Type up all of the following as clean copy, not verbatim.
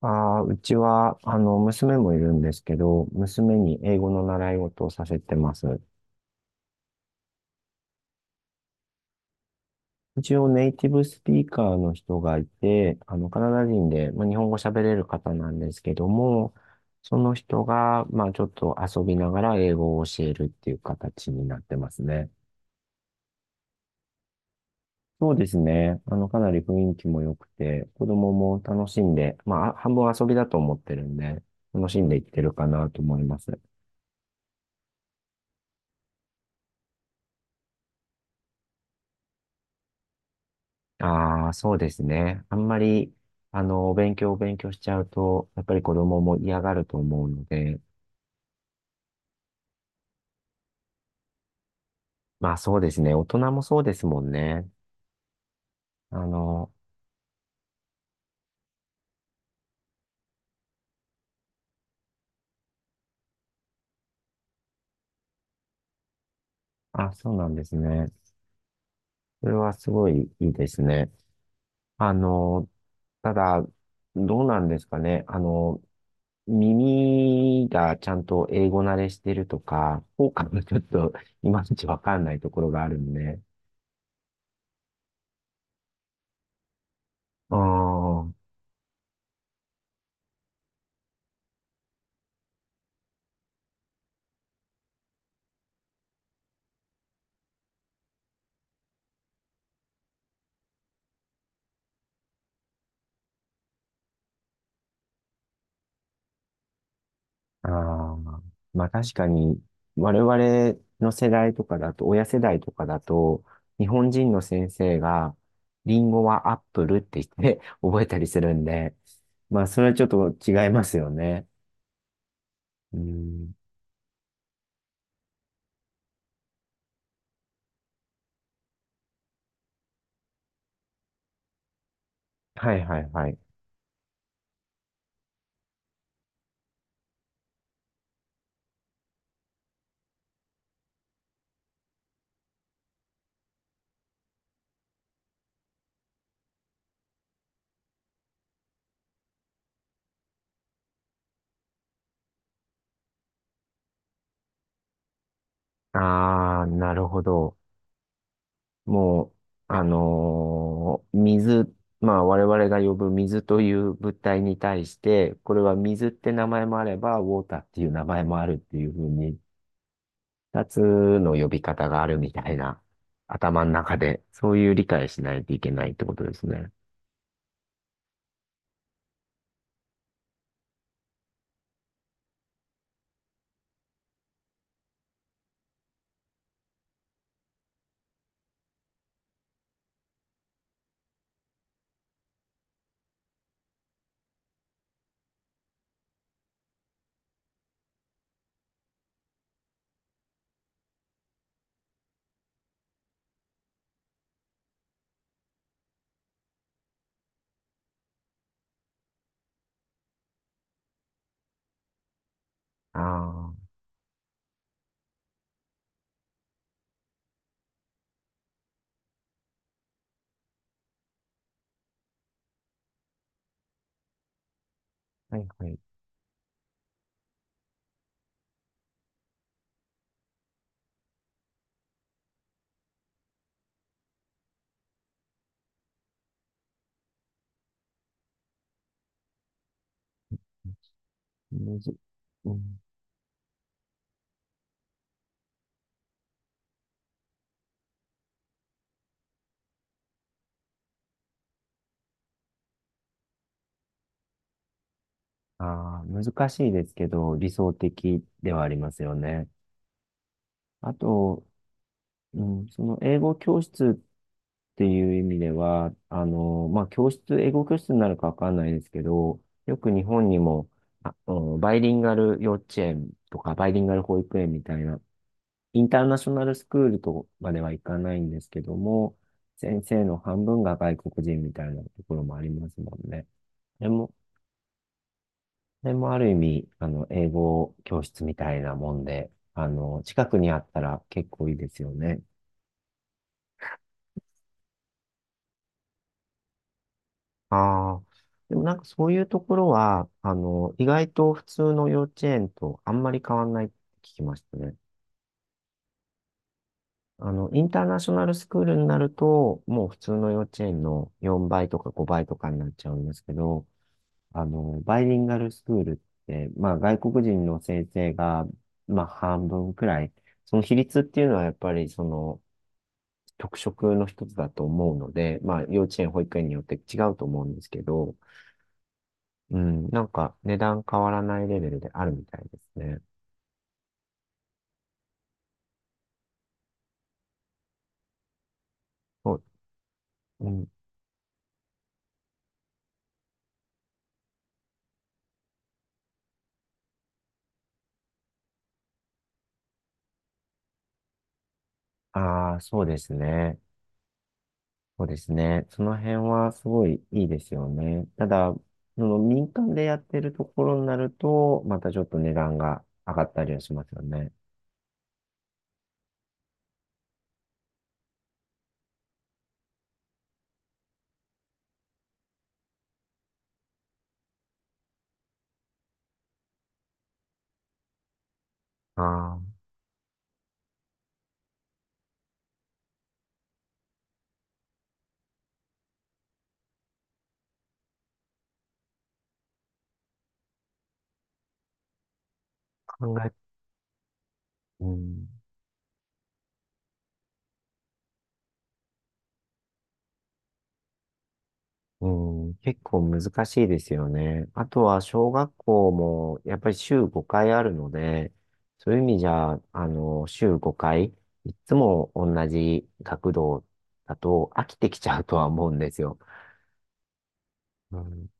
ああ、うちは、娘もいるんですけど、娘に英語の習い事をさせてます。一応ネイティブスピーカーの人がいて、カナダ人で、まあ、日本語喋れる方なんですけども、その人が、まあ、ちょっと遊びながら英語を教えるっていう形になってますね。そうですね。かなり雰囲気も良くて、子供も楽しんで、まあ、半分遊びだと思ってるんで、楽しんでいってるかなと思います。ああ、そうですね。あんまり、お勉強お勉強しちゃうと、やっぱり子供も嫌がると思うので、まあそうですね。大人もそうですもんね。あの、あ、そうなんですね。それはすごいいいですね。あの、ただ、どうなんですかね。耳がちゃんと英語慣れしてるとか、効果がちょっといまいちわかんないところがあるんで。ああ。ああ、まあ確かに、我々の世代とかだと、親世代とかだと、日本人の先生が、リンゴはアップルって言って 覚えたりするんで、まあそれはちょっと違いますよね。うん。はいはいはい。ああ、なるほど。もう、水、まあ我々が呼ぶ水という物体に対して、これは水って名前もあれば、ウォーターっていう名前もあるっていうふうに、二つの呼び方があるみたいな、頭の中で、そういう理解しないといけないってことですね。ああ、はいはい。むず、うん、ああ、難しいですけど、理想的ではありますよね。あと、うん、その英語教室っていう意味では、まあ、英語教室になるかわかんないですけど、よく日本にも、あ、うんバイリンガル幼稚園とか、バイリンガル保育園みたいな、インターナショナルスクールとまではいかないんですけども、先生の半分が外国人みたいなところもありますもんね。でも、でもある意味、英語教室みたいなもんで、近くにあったら結構いいですよね。ああ、でもなんかそういうところは、意外と普通の幼稚園とあんまり変わんないって聞きましたね。インターナショナルスクールになると、もう普通の幼稚園の4倍とか5倍とかになっちゃうんですけど、バイリンガルスクールって、まあ外国人の先生が、まあ半分くらい、その比率っていうのはやっぱりその特色の一つだと思うので、まあ幼稚園、保育園によって違うと思うんですけど、うん、なんか値段変わらないレベルであるみたいですね。そううん、ああ、そうですね。そうですね。その辺はすごいいいですよね。ただ、その民間でやってるところになると、またちょっと値段が上がったりはしますよね。ああ、考え、うん、うん、結構難しいですよね。あとは小学校もやっぱり週5回あるので、そういう意味じゃ、週5回、いつも同じ学童だと飽きてきちゃうとは思うんですよ。うん、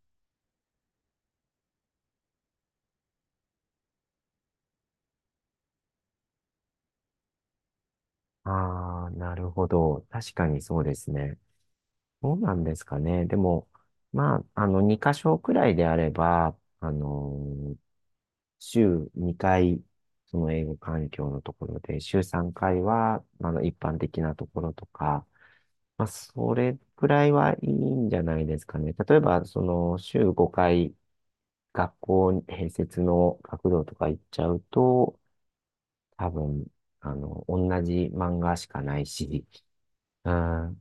ああ、なるほど。確かにそうですね。どうなんですかね。でも、まあ、2箇所くらいであれば、週2回、その英語環境のところで、週3回は、一般的なところとか、まあ、それくらいはいいんじゃないですかね。例えば、その、週5回、学校併設の学童とか行っちゃうと、多分、同じ漫画しかないし、あ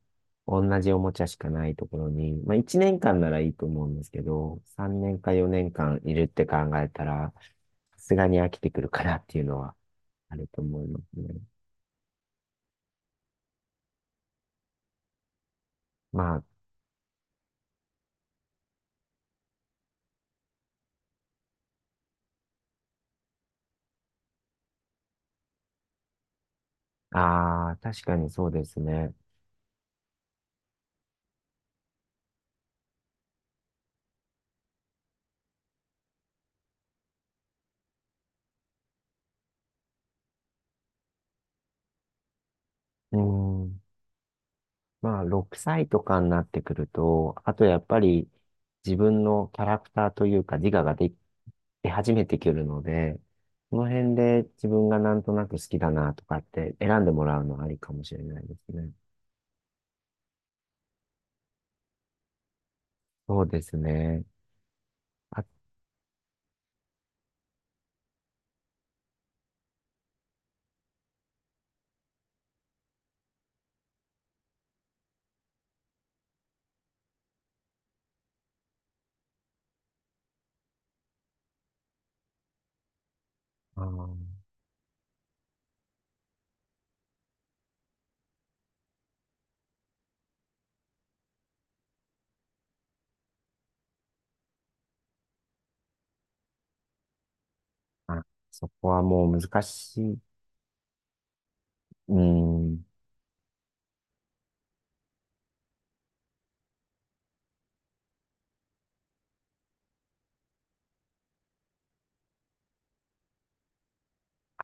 同じおもちゃしかないところに、まあ1年間ならいいと思うんですけど、3年か4年間いるって考えたら、さすがに飽きてくるかなっていうのはあると思いますね。まあ、ああ、確かにそうですね。うん。まあ、6歳とかになってくると、あとやっぱり自分のキャラクターというか自我ができ出始めてくるので、その辺で自分がなんとなく好きだなとかって選んでもらうのはありかもしれないですね。そうですね。あ、あーあ、そこはもう難しい。うん。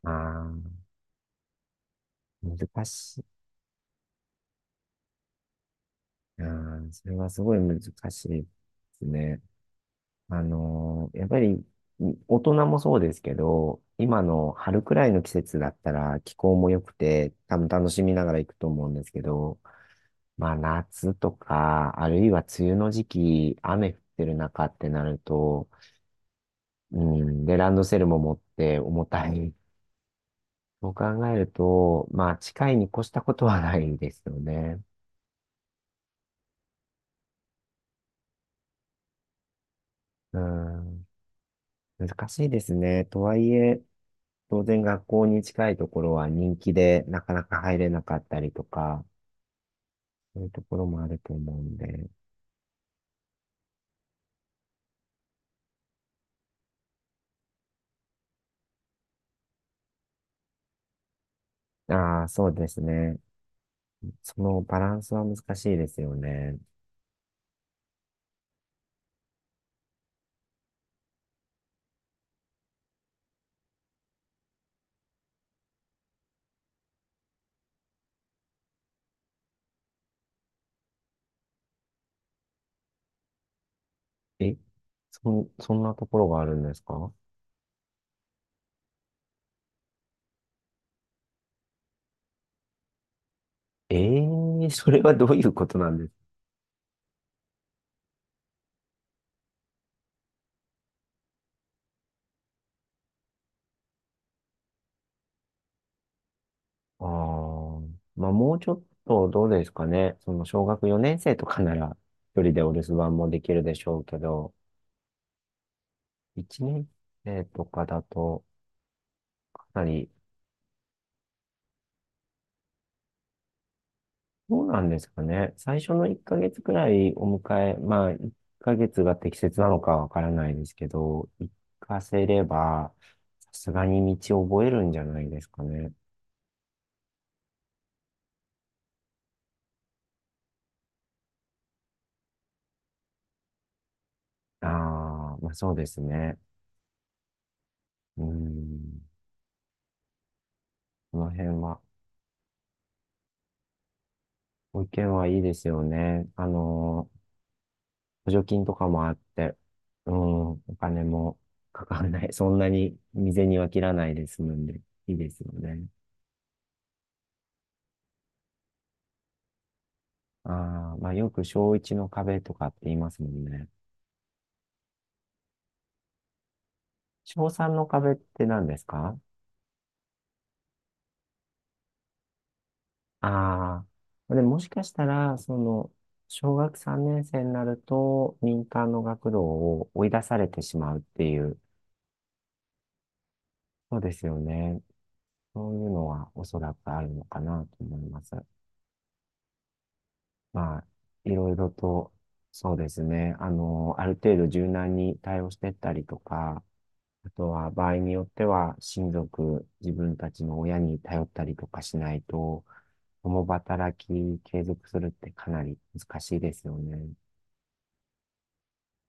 ああ、難しい。ああ、それはすごい難しいですね。やっぱり、大人もそうですけど、今の春くらいの季節だったら気候も良くて、多分楽しみながら行くと思うんですけど、まあ夏とか、あるいは梅雨の時期、雨降ってる中ってなると、うん、で、ランドセルも持って重たい、そう考えると、まあ、近いに越したことはないですよね。うん、難しいですね。とはいえ、当然学校に近いところは人気でなかなか入れなかったりとか、そういうところもあると思うんで。ああ、そうですね。そのバランスは難しいですよね。え、そんなところがあるんですか？ええー、それはどういうことなんですか？ああ、まあもうちょっとどうですかね。その小学4年生とかなら一人でお留守番もできるでしょうけど、1年生とかだとかなり、どうなんですかね。最初の1ヶ月くらいお迎え、まあ1ヶ月が適切なのかわからないですけど、行かせればさすがに道を覚えるんじゃないですかね。ああ、まあそうですね。うん、この辺は。ご意見はいいですよね。補助金とかもあって、うん、お金もかからない。そんなに未然には切らないで済むんで、いいですよね。ああ、まあよく小1の壁とかって言いますもんね。小3の壁って何ですか？ああー、でももしかしたら、その、小学3年生になると、民間の学童を追い出されてしまうっていう、そうですよね。そういうのはおそらくあるのかなと思います。まあ、いろいろと、そうですね。ある程度柔軟に対応してったりとか、あとは場合によっては親族、自分たちの親に頼ったりとかしないと、共働き継続するってかなり難しいですよね。